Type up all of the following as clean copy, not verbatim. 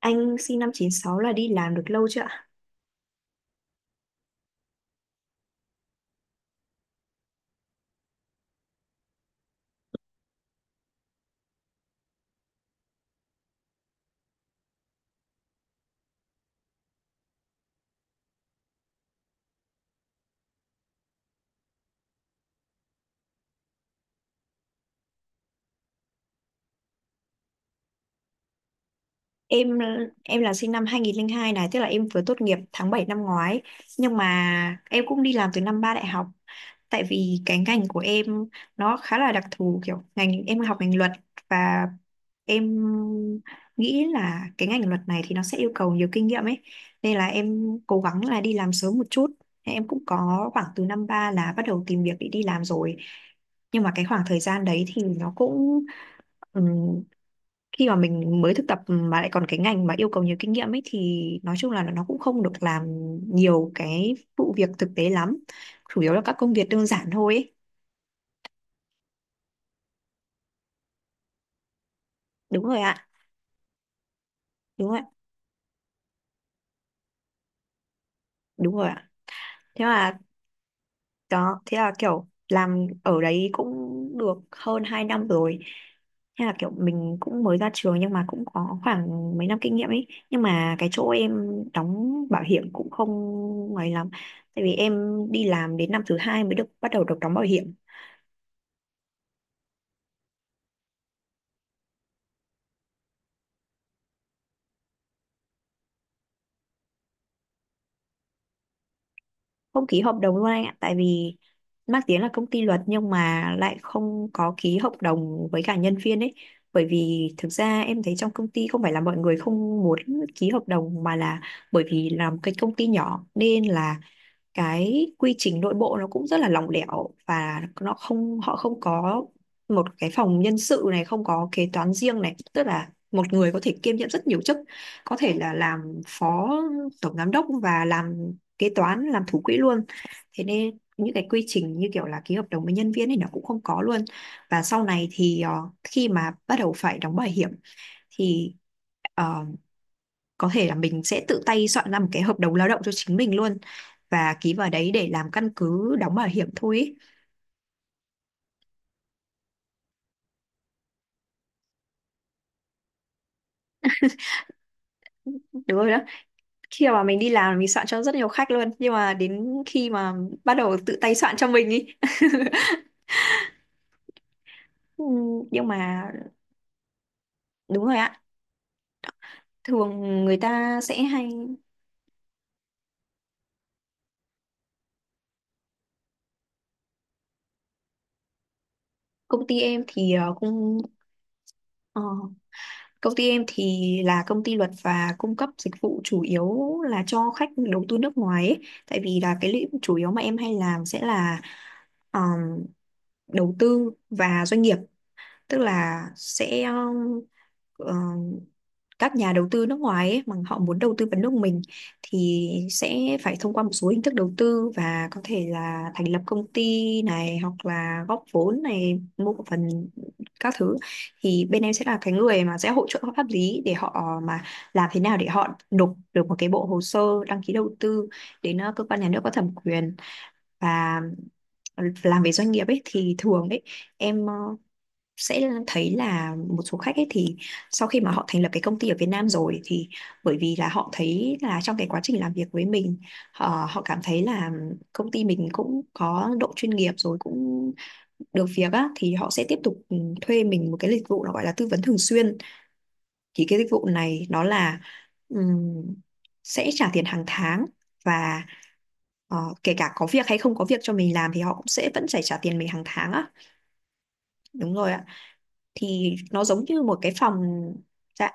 Anh sinh năm 96 là đi làm được lâu chưa ạ? Em em là sinh năm 2002 này, tức là em vừa tốt nghiệp tháng 7 năm ngoái. Nhưng mà em cũng đi làm từ năm ba đại học. Tại vì cái ngành của em nó khá là đặc thù, kiểu ngành em học ngành luật và em nghĩ là cái ngành luật này thì nó sẽ yêu cầu nhiều kinh nghiệm ấy. Nên là em cố gắng là đi làm sớm một chút. Em cũng có khoảng từ năm ba là bắt đầu tìm việc để đi làm rồi. Nhưng mà cái khoảng thời gian đấy thì nó cũng khi mà mình mới thực tập mà lại còn cái ngành mà yêu cầu nhiều kinh nghiệm ấy thì nói chung là nó cũng không được làm nhiều cái vụ việc thực tế lắm, chủ yếu là các công việc đơn giản thôi ấy. Đúng rồi ạ. Đúng rồi ạ. Đúng rồi ạ. Thế mà đó, thế là kiểu làm ở đấy cũng được hơn 2 năm rồi. Thế là kiểu mình cũng mới ra trường nhưng mà cũng có khoảng mấy năm kinh nghiệm ấy, nhưng mà cái chỗ em đóng bảo hiểm cũng không ngoài lắm tại vì em đi làm đến năm thứ hai mới được bắt đầu được đóng bảo hiểm. Không ký hợp đồng luôn anh ạ, tại vì mang tiếng là công ty luật nhưng mà lại không có ký hợp đồng với cả nhân viên ấy. Bởi vì thực ra em thấy trong công ty không phải là mọi người không muốn ký hợp đồng, mà là bởi vì làm cái công ty nhỏ nên là cái quy trình nội bộ nó cũng rất là lỏng lẻo và nó không, họ không có một cái phòng nhân sự này, không có kế toán riêng này, tức là một người có thể kiêm nhiệm rất nhiều chức, có thể là làm phó tổng giám đốc và làm kế toán, làm thủ quỹ luôn. Thế nên những cái quy trình như kiểu là ký hợp đồng với nhân viên thì nó cũng không có luôn. Và sau này thì khi mà bắt đầu phải đóng bảo hiểm thì ờ, có thể là mình sẽ tự tay soạn ra một cái hợp đồng lao động cho chính mình luôn và ký vào đấy để làm căn cứ đóng bảo hiểm thôi ý. Đúng rồi đó. Khi mà mình đi làm mình soạn cho rất nhiều khách luôn, nhưng mà đến khi mà bắt đầu tự tay soạn cho mình ý. Ừ. Nhưng mà đúng rồi ạ. Thường người ta sẽ hay công ty em thì cũng ờ, công ty em thì là công ty luật và cung cấp dịch vụ chủ yếu là cho khách đầu tư nước ngoài ấy. Tại vì là cái lĩnh chủ yếu mà em hay làm sẽ là đầu tư và doanh nghiệp, tức là sẽ ờ, các nhà đầu tư nước ngoài ấy, mà họ muốn đầu tư vào nước mình thì sẽ phải thông qua một số hình thức đầu tư và có thể là thành lập công ty này hoặc là góp vốn này, mua cổ phần các thứ thì bên em sẽ là cái người mà sẽ hỗ trợ pháp lý để họ mà làm thế nào để họ nộp được một cái bộ hồ sơ đăng ký đầu tư đến cơ quan nhà nước có thẩm quyền. Và làm về doanh nghiệp ấy thì thường ấy em sẽ thấy là một số khách ấy thì sau khi mà họ thành lập cái công ty ở Việt Nam rồi thì bởi vì là họ thấy là trong cái quá trình làm việc với mình họ cảm thấy là công ty mình cũng có độ chuyên nghiệp rồi, cũng được việc á, thì họ sẽ tiếp tục, ừ, thuê mình một cái dịch vụ nó gọi là tư vấn thường xuyên. Thì cái dịch vụ này nó là ừm, sẽ trả tiền hàng tháng và ờ, kể cả có việc hay không có việc cho mình làm thì họ cũng sẽ vẫn phải trả tiền mình hàng tháng á. Đúng rồi ạ. Thì nó giống như một cái phòng. Dạ.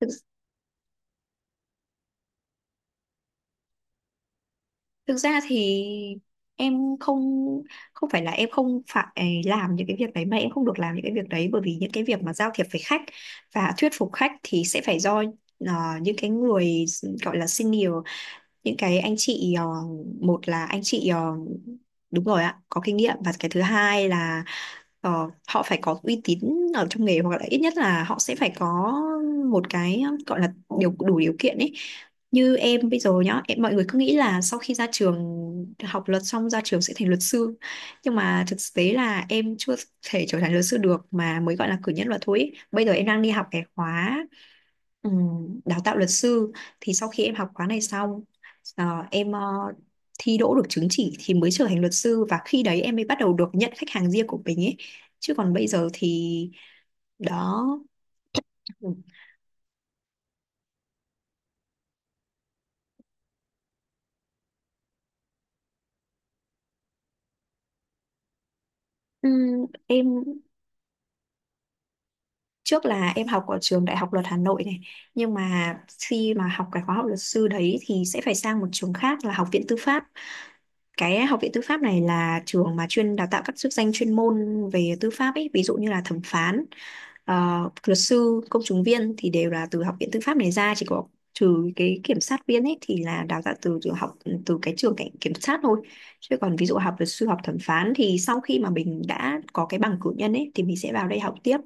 Thực, thực ra thì em không, không phải là em không phải à, làm những cái việc đấy mà em không được làm những cái việc đấy, bởi vì những cái việc mà giao thiệp với khách và thuyết phục khách thì sẽ phải do ờ, những cái người gọi là senior, những cái anh chị một là anh chị đúng rồi ạ, có kinh nghiệm. Và cái thứ hai là họ phải có uy tín ở trong nghề hoặc là ít nhất là họ sẽ phải có một cái gọi là điều đủ điều kiện ấy. Như em bây giờ nhá, em mọi người cứ nghĩ là sau khi ra trường học luật xong ra trường sẽ thành luật sư, nhưng mà thực tế là em chưa thể trở thành luật sư được mà mới gọi là cử nhân luật thôi ấy. Bây giờ em đang đi học cái khóa, ừ, đào tạo luật sư. Thì sau khi em học khóa này xong, em thi đỗ được chứng chỉ thì mới trở thành luật sư và khi đấy em mới bắt đầu được nhận khách hàng riêng của mình ấy, chứ còn bây giờ thì đó. Ừ, em trước là em học ở trường Đại học Luật Hà Nội này, nhưng mà khi mà học cái khóa học luật sư đấy thì sẽ phải sang một trường khác là Học viện Tư pháp. Cái Học viện Tư pháp này là trường mà chuyên đào tạo các chức danh chuyên môn về tư pháp ấy, ví dụ như là thẩm phán, ờ, luật sư, công chứng viên thì đều là từ Học viện Tư pháp này ra, chỉ có trừ cái kiểm sát viên ấy thì là đào tạo từ từ học từ cái trường cảnh kiểm sát thôi. Chứ còn ví dụ học luật sư, học thẩm phán thì sau khi mà mình đã có cái bằng cử nhân ấy thì mình sẽ vào đây học tiếp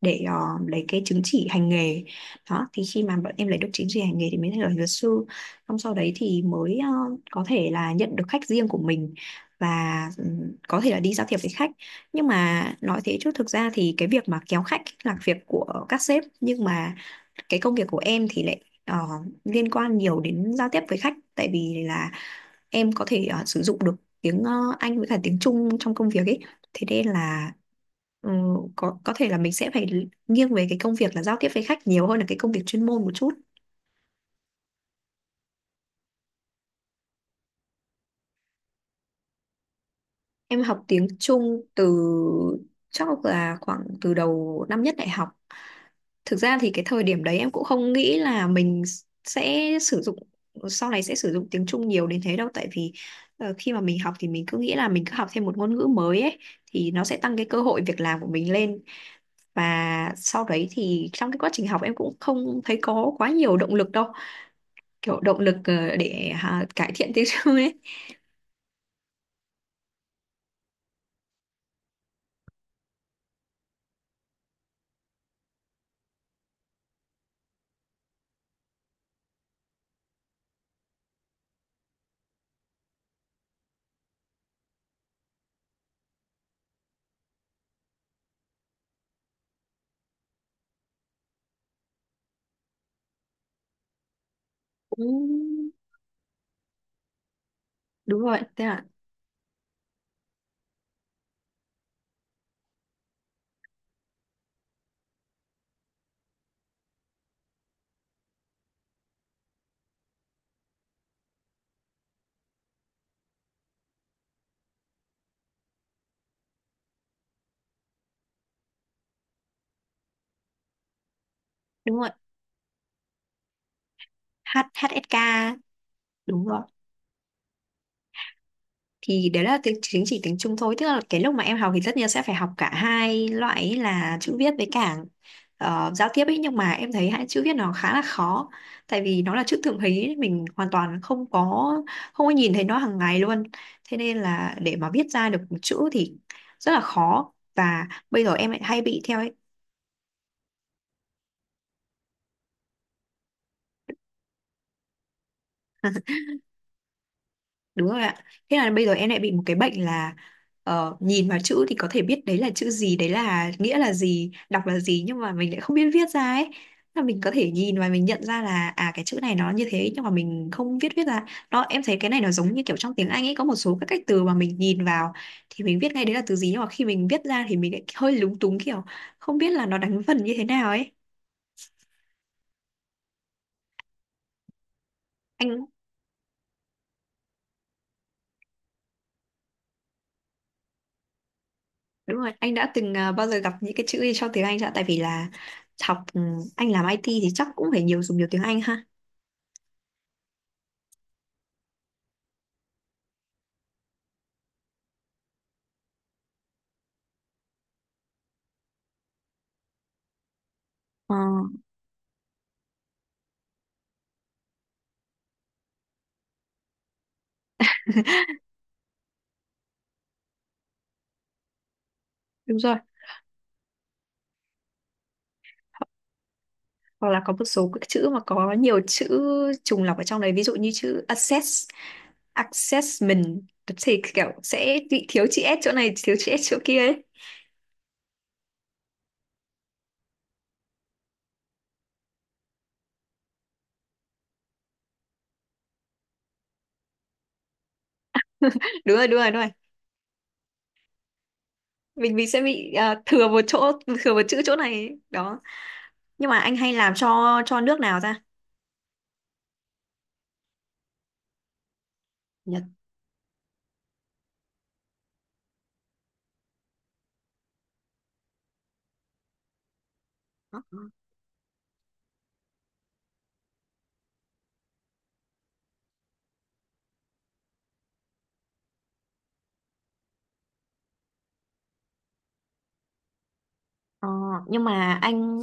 để lấy cái chứng chỉ hành nghề. Đó thì khi mà bọn em lấy được chứng chỉ hành nghề thì mới thành là luật sư, xong sau đấy thì mới có thể là nhận được khách riêng của mình và có thể là đi giao thiệp với khách. Nhưng mà nói thế chứ thực ra thì cái việc mà kéo khách là việc của các sếp, nhưng mà cái công việc của em thì lại liên quan nhiều đến giao tiếp với khách tại vì là em có thể sử dụng được tiếng Anh với cả tiếng Trung trong công việc ấy. Thế nên là, ừ, có thể là mình sẽ phải nghiêng về cái công việc là giao tiếp với khách nhiều hơn là cái công việc chuyên môn một chút. Em học tiếng Trung từ chắc là khoảng từ đầu năm nhất đại học. Thực ra thì cái thời điểm đấy em cũng không nghĩ là mình sẽ sử dụng, sau này sẽ sử dụng tiếng Trung nhiều đến thế đâu, tại vì khi mà mình học thì mình cứ nghĩ là mình cứ học thêm một ngôn ngữ mới ấy thì nó sẽ tăng cái cơ hội việc làm của mình lên. Và sau đấy thì trong cái quá trình học em cũng không thấy có quá nhiều động lực đâu, kiểu động lực để à, cải thiện tiếng Trung ấy. Cũng đúng rồi, thế là đúng rồi. HSK. Đúng rồi. Thì đấy là tiếng chính, chỉ tiếng Trung thôi, tức là cái lúc mà em học thì tất nhiên sẽ phải học cả hai loại ấy là chữ viết với cả giao tiếp ấy. Nhưng mà em thấy hai chữ viết nó khá là khó, tại vì nó là chữ thượng hí ấy, mình hoàn toàn không có nhìn thấy nó hàng ngày luôn. Thế nên là để mà viết ra được một chữ thì rất là khó, và bây giờ em lại hay bị theo. Đúng rồi ạ. Thế là bây giờ em lại bị một cái bệnh là nhìn vào chữ thì có thể biết đấy là chữ gì, đấy là nghĩa là gì, đọc là gì nhưng mà mình lại không biết viết ra ấy. Là mình có thể nhìn và mình nhận ra là à cái chữ này nó như thế, nhưng mà mình không viết viết ra. Đó em thấy cái này nó giống như kiểu trong tiếng Anh ấy, có một số các cách từ mà mình nhìn vào thì mình viết ngay đấy là từ gì, nhưng mà khi mình viết ra thì mình lại hơi lúng túng kiểu không biết là nó đánh vần như thế nào ấy. Anh đúng rồi, anh đã từng à, bao giờ gặp những cái chữ gì trong tiếng Anh chưa ạ? Tại vì là học anh làm IT thì chắc cũng phải nhiều dùng nhiều tiếng Anh ha. Ờ, Đúng rồi. Hoặc là có một số các chữ mà có nhiều chữ trùng lặp ở trong đấy, ví dụ như chữ assess, assessment thì kiểu sẽ bị thiếu chữ S chỗ này, thiếu chữ S chỗ kia ấy. Đúng rồi, đúng rồi, đúng rồi. Mình sẽ bị à, thừa một chỗ, thừa một chữ chỗ này ấy. Đó. Nhưng mà anh hay làm cho nước nào ta? Nhật. Ờ, Ờ, nhưng mà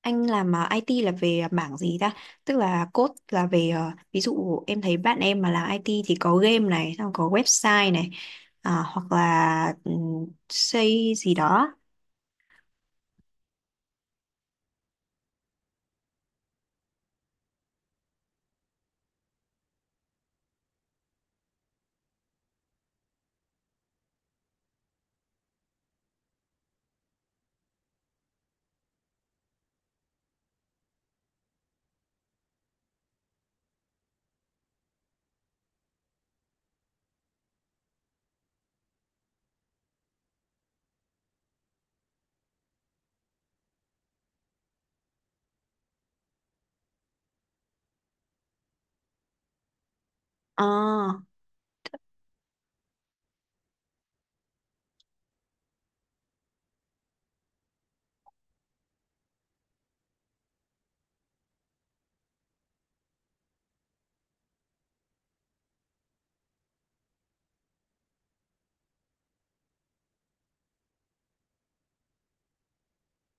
anh làm à, IT là về mảng gì ta? Tức là code là về ví dụ em thấy bạn em mà làm IT thì có game này, xong có website này, à, hoặc là xây gì đó. Ờ,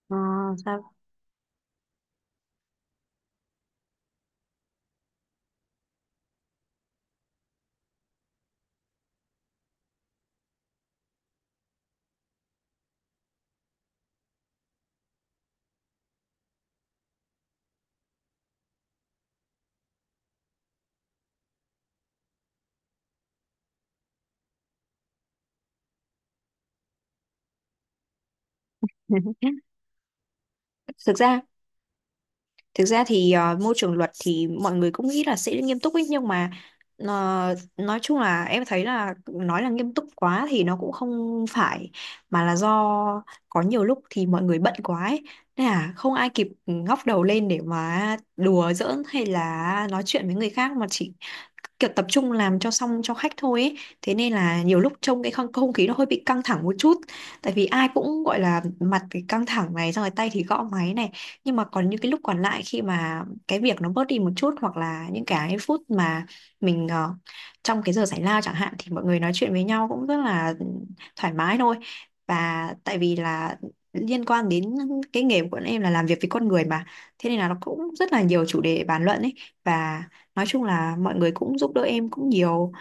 ờ, sao? Thực ra Thực ra thì môi trường luật thì mọi người cũng nghĩ là sẽ nghiêm túc ấy, nhưng mà ờ, nói chung là em thấy là nói là nghiêm túc quá thì nó cũng không phải, mà là do có nhiều lúc thì mọi người bận quá ấy. Nên là không ai kịp ngóc đầu lên để mà đùa giỡn hay là nói chuyện với người khác mà chỉ kiểu tập trung làm cho xong cho khách thôi ấy. Thế nên là nhiều lúc trông cái không khí nó hơi bị căng thẳng một chút, tại vì ai cũng gọi là mặt cái căng thẳng này, xong rồi tay thì gõ máy này, nhưng mà còn những cái lúc còn lại, khi mà cái việc nó bớt đi một chút, hoặc là những cái phút mà mình trong cái giờ giải lao chẳng hạn, thì mọi người nói chuyện với nhau cũng rất là thoải mái thôi. Và tại vì là liên quan đến cái nghề của bọn em là làm việc với con người mà, thế nên là nó cũng rất là nhiều chủ đề bàn luận ấy. Và nói chung là mọi người cũng giúp đỡ em cũng nhiều.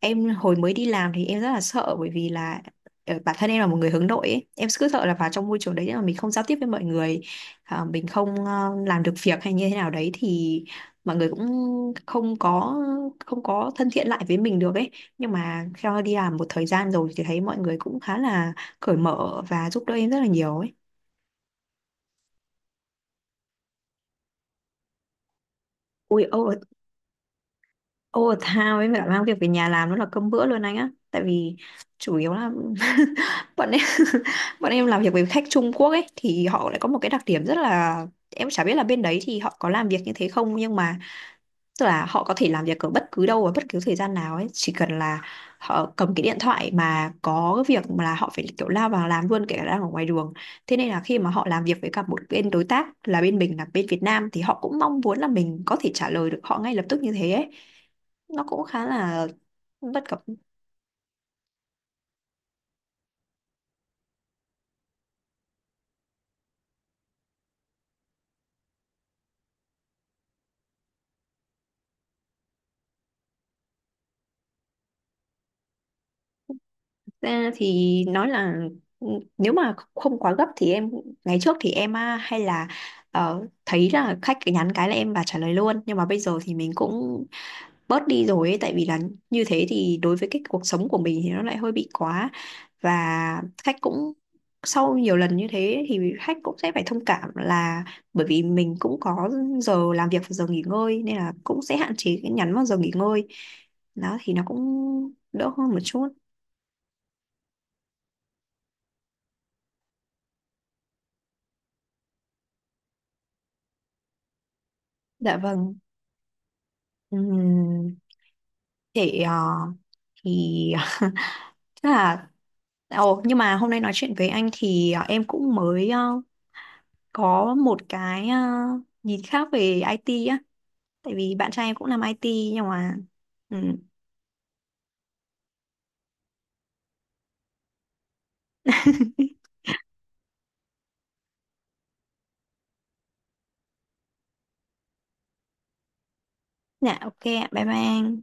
Em hồi mới đi làm thì em rất là sợ, bởi vì là bản thân em là một người hướng nội ấy. Em cứ sợ là vào trong môi trường đấy mà mình không giao tiếp với mọi người, à, mình không làm được việc hay như thế nào đấy, thì mọi người cũng không có không có thân thiện lại với mình được ấy. Nhưng mà theo đi làm một thời gian rồi thì thấy mọi người cũng khá là cởi mở và giúp đỡ em rất là nhiều ấy. Ui, over, overtime ấy, mà mang việc về nhà làm nó là cơm bữa luôn anh á. Tại vì chủ yếu là bọn em bọn em làm việc với khách Trung Quốc ấy, thì họ lại có một cái đặc điểm rất là, em chả biết là bên đấy thì họ có làm việc như thế không, nhưng mà tức là họ có thể làm việc ở bất cứ đâu và bất cứ thời gian nào ấy, chỉ cần là họ cầm cái điện thoại mà có cái việc mà là họ phải kiểu lao vào làm luôn, kể cả đang ở ngoài đường. Thế nên là khi mà họ làm việc với cả một bên đối tác là bên mình là bên Việt Nam, thì họ cũng mong muốn là mình có thể trả lời được họ ngay lập tức như thế ấy. Nó cũng khá là bất cập. Ra thì nói là ừ, nếu mà không quá gấp thì em, ngày trước thì em à, hay là thấy là khách cứ nhắn cái là em và trả lời luôn, nhưng mà bây giờ thì mình cũng bớt đi rồi ấy, tại vì là như thế thì đối với cái cuộc sống của mình thì nó lại hơi bị quá. Và khách cũng, sau nhiều lần như thế thì khách cũng sẽ phải thông cảm là bởi vì mình cũng có giờ làm việc và giờ nghỉ ngơi, nên là cũng sẽ hạn chế cái nhắn vào giờ nghỉ ngơi. Đó thì nó cũng đỡ hơn một chút. Dạ vâng. Ừm, để ờ, thì chắc là, ồ, nhưng mà hôm nay nói chuyện với anh thì à, em cũng mới có một cái nhìn khác về IT á. Tại vì bạn trai em cũng làm IT nhưng mà... Ừ. Dạ, ok ạ. Bye bye anh.